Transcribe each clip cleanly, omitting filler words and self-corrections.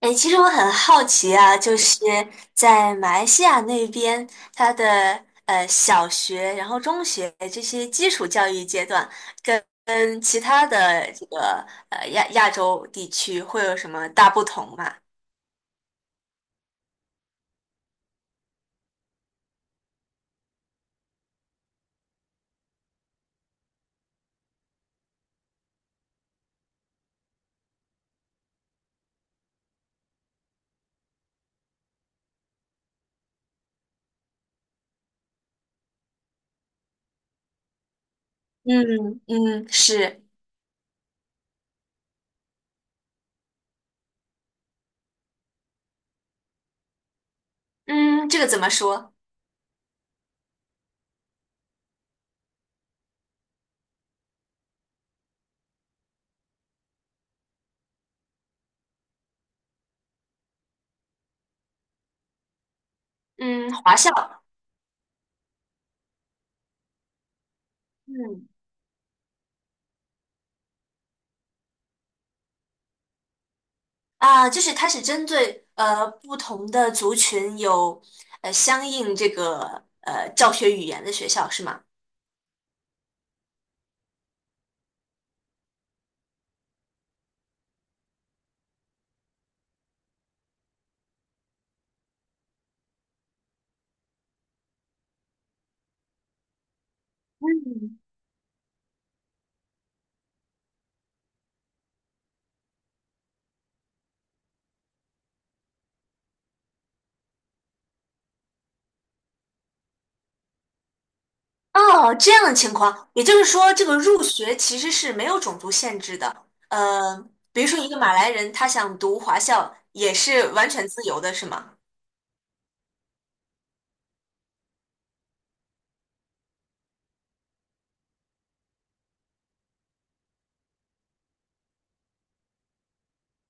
哎，其实我很好奇啊，就是在马来西亚那边，它的小学，然后中学这些基础教育阶段，跟其他的这个呃亚亚洲地区会有什么大不同吗？嗯嗯，是，嗯，这个怎么说？嗯，华校，嗯就是它是针对不同的族群有相应这个教学语言的学校是吗？嗯。哦，这样的情况，也就是说，这个入学其实是没有种族限制的。呃，比如说一个马来人，他想读华校也是完全自由的，是吗？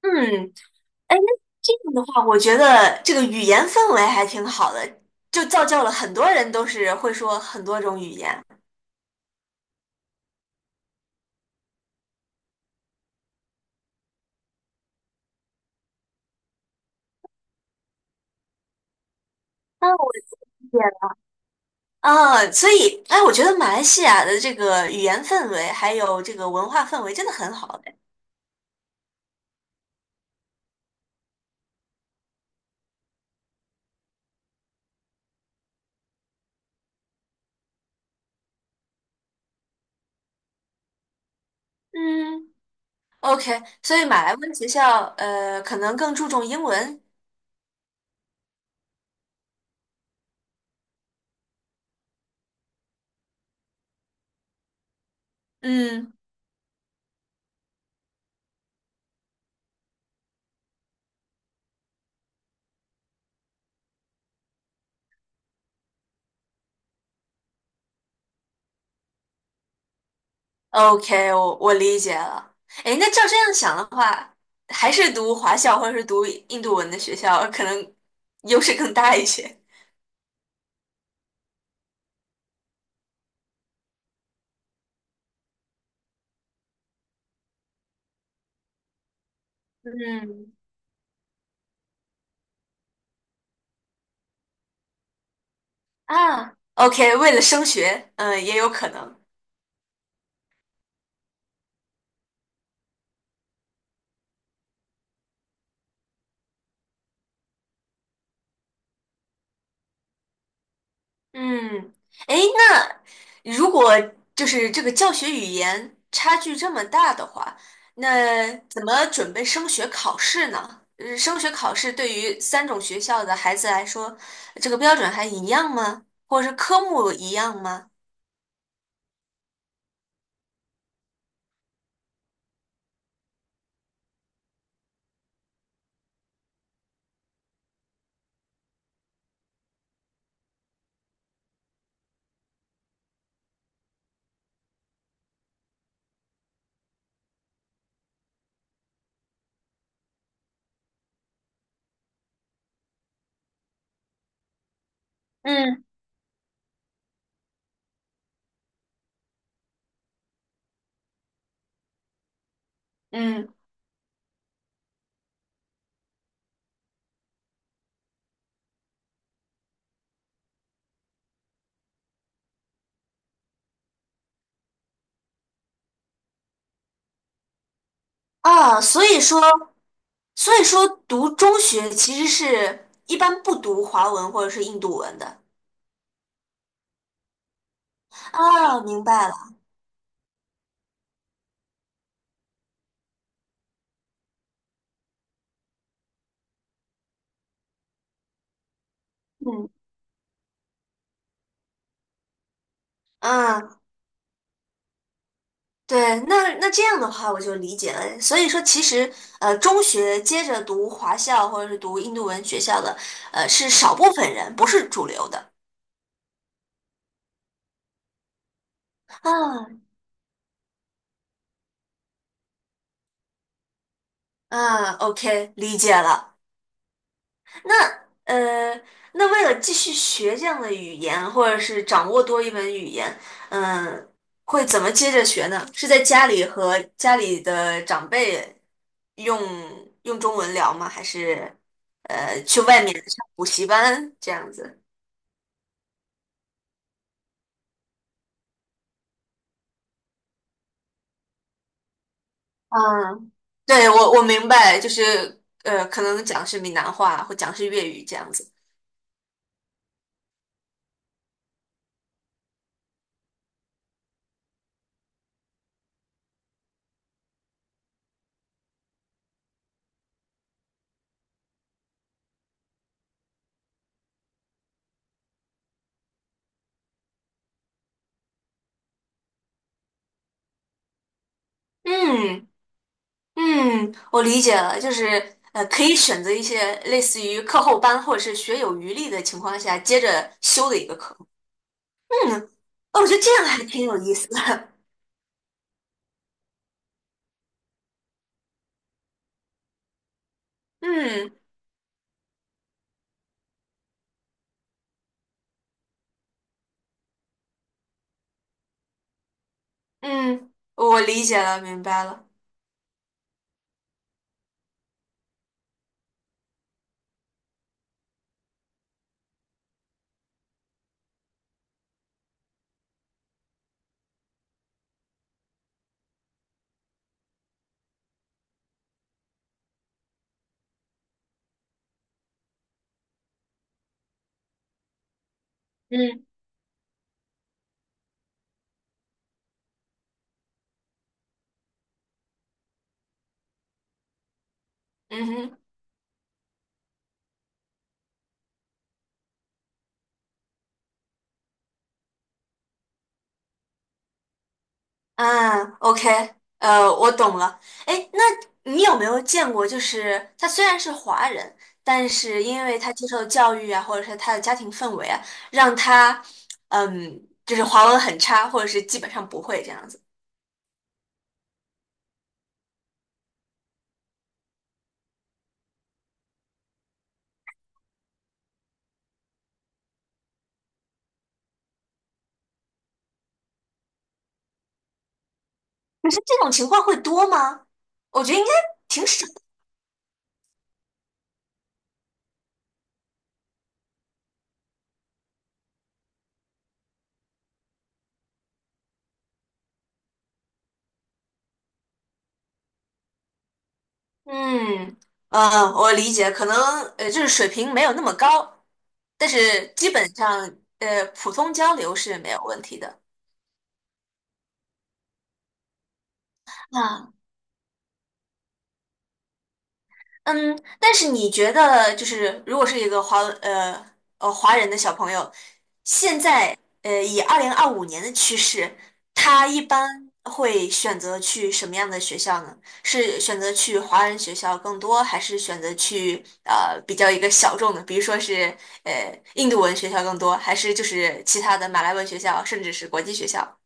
嗯，哎，那这样的话，我觉得这个语言氛围还挺好的，就造就了很多人都是会说很多种语言。啊，我理解了。啊，所以，哎，我觉得马来西亚的这个语言氛围还有这个文化氛围真的很好。嗯，OK，所以马来文学校，可能更注重英文。嗯，OK，我理解了。哎，那照这样想的话，还是读华校或者是读印度文的学校，可能 优势更大一些。嗯啊，OK，为了升学，嗯、也有可能。嗯，哎。如果就是这个教学语言差距这么大的话，那怎么准备升学考试呢？升学考试对于三种学校的孩子来说，这个标准还一样吗？或者是科目一样吗？嗯嗯啊，所以说，所以说读中学其实是一般不读华文或者是印度文的。啊，明白了。嗯嗯，对，那这样的话我就理解了。所以说，其实中学接着读华校或者是读印度文学校的，是少部分人，不是主流的。啊啊，OK，理解了。那呃，那为了继续学这样的语言，或者是掌握多一门语言，嗯、会怎么接着学呢？是在家里和家里的长辈用中文聊吗？还是去外面上补习班这样子？嗯，对，我明白，就是可能讲是闽南话或讲是粤语这样子。嗯嗯，我理解了，就是可以选择一些类似于课后班或者是学有余力的情况下接着修的一个课。嗯，哦，我觉得这样还挺有意思的。嗯嗯，我理解了，明白了。嗯嗯哼。嗯，OK，我懂了。哎，那你有没有见过，就是他虽然是华人，但是因为他接受的教育啊，或者是他的家庭氛围啊，让他，嗯，就是华文很差，或者是基本上不会这样子。你说这种情况会多吗？我觉得应该挺少。嗯，我理解，可能就是水平没有那么高，但是基本上普通交流是没有问题的。那。嗯，但是你觉得，就是如果是一个华人的小朋友，现在以2025年的趋势，他一般会选择去什么样的学校呢？是选择去华人学校更多，还是选择去比较一个小众的，比如说是印度文学校更多，还是就是其他的马来文学校，甚至是国际学校？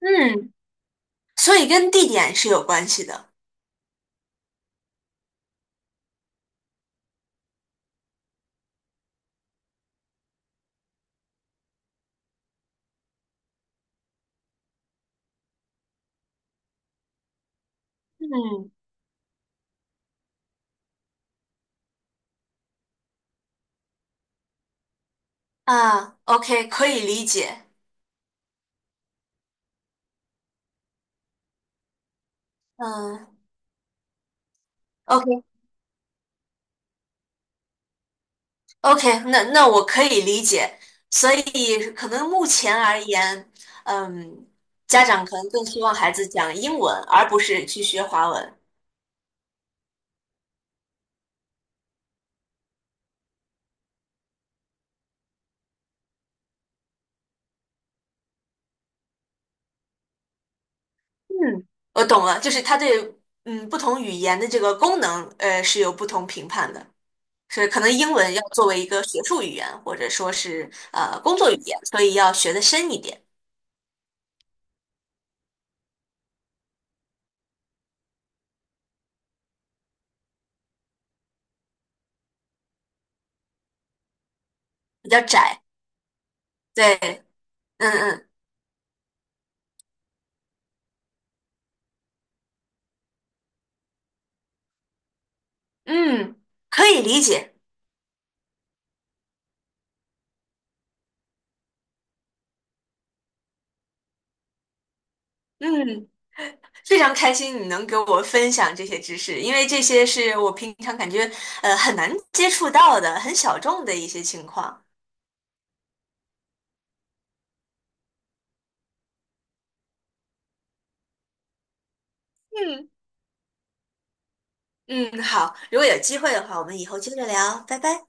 嗯，所以跟地点是有关系的。嗯啊，OK，可以理解。嗯。OK OK，那那我可以理解，所以可能目前而言，嗯，家长可能更希望孩子讲英文，而不是去学华文。嗯，我懂了，就是他对嗯不同语言的这个功能，是有不同评判的，所以可能英文要作为一个学术语言，或者说是工作语言，所以要学的深一点，比较窄。对，嗯嗯嗯，可以理解。嗯。非常开心你能给我分享这些知识，因为这些是我平常感觉很难接触到的、很小众的一些情况。嗯嗯，好，如果有机会的话，我们以后接着聊，拜拜。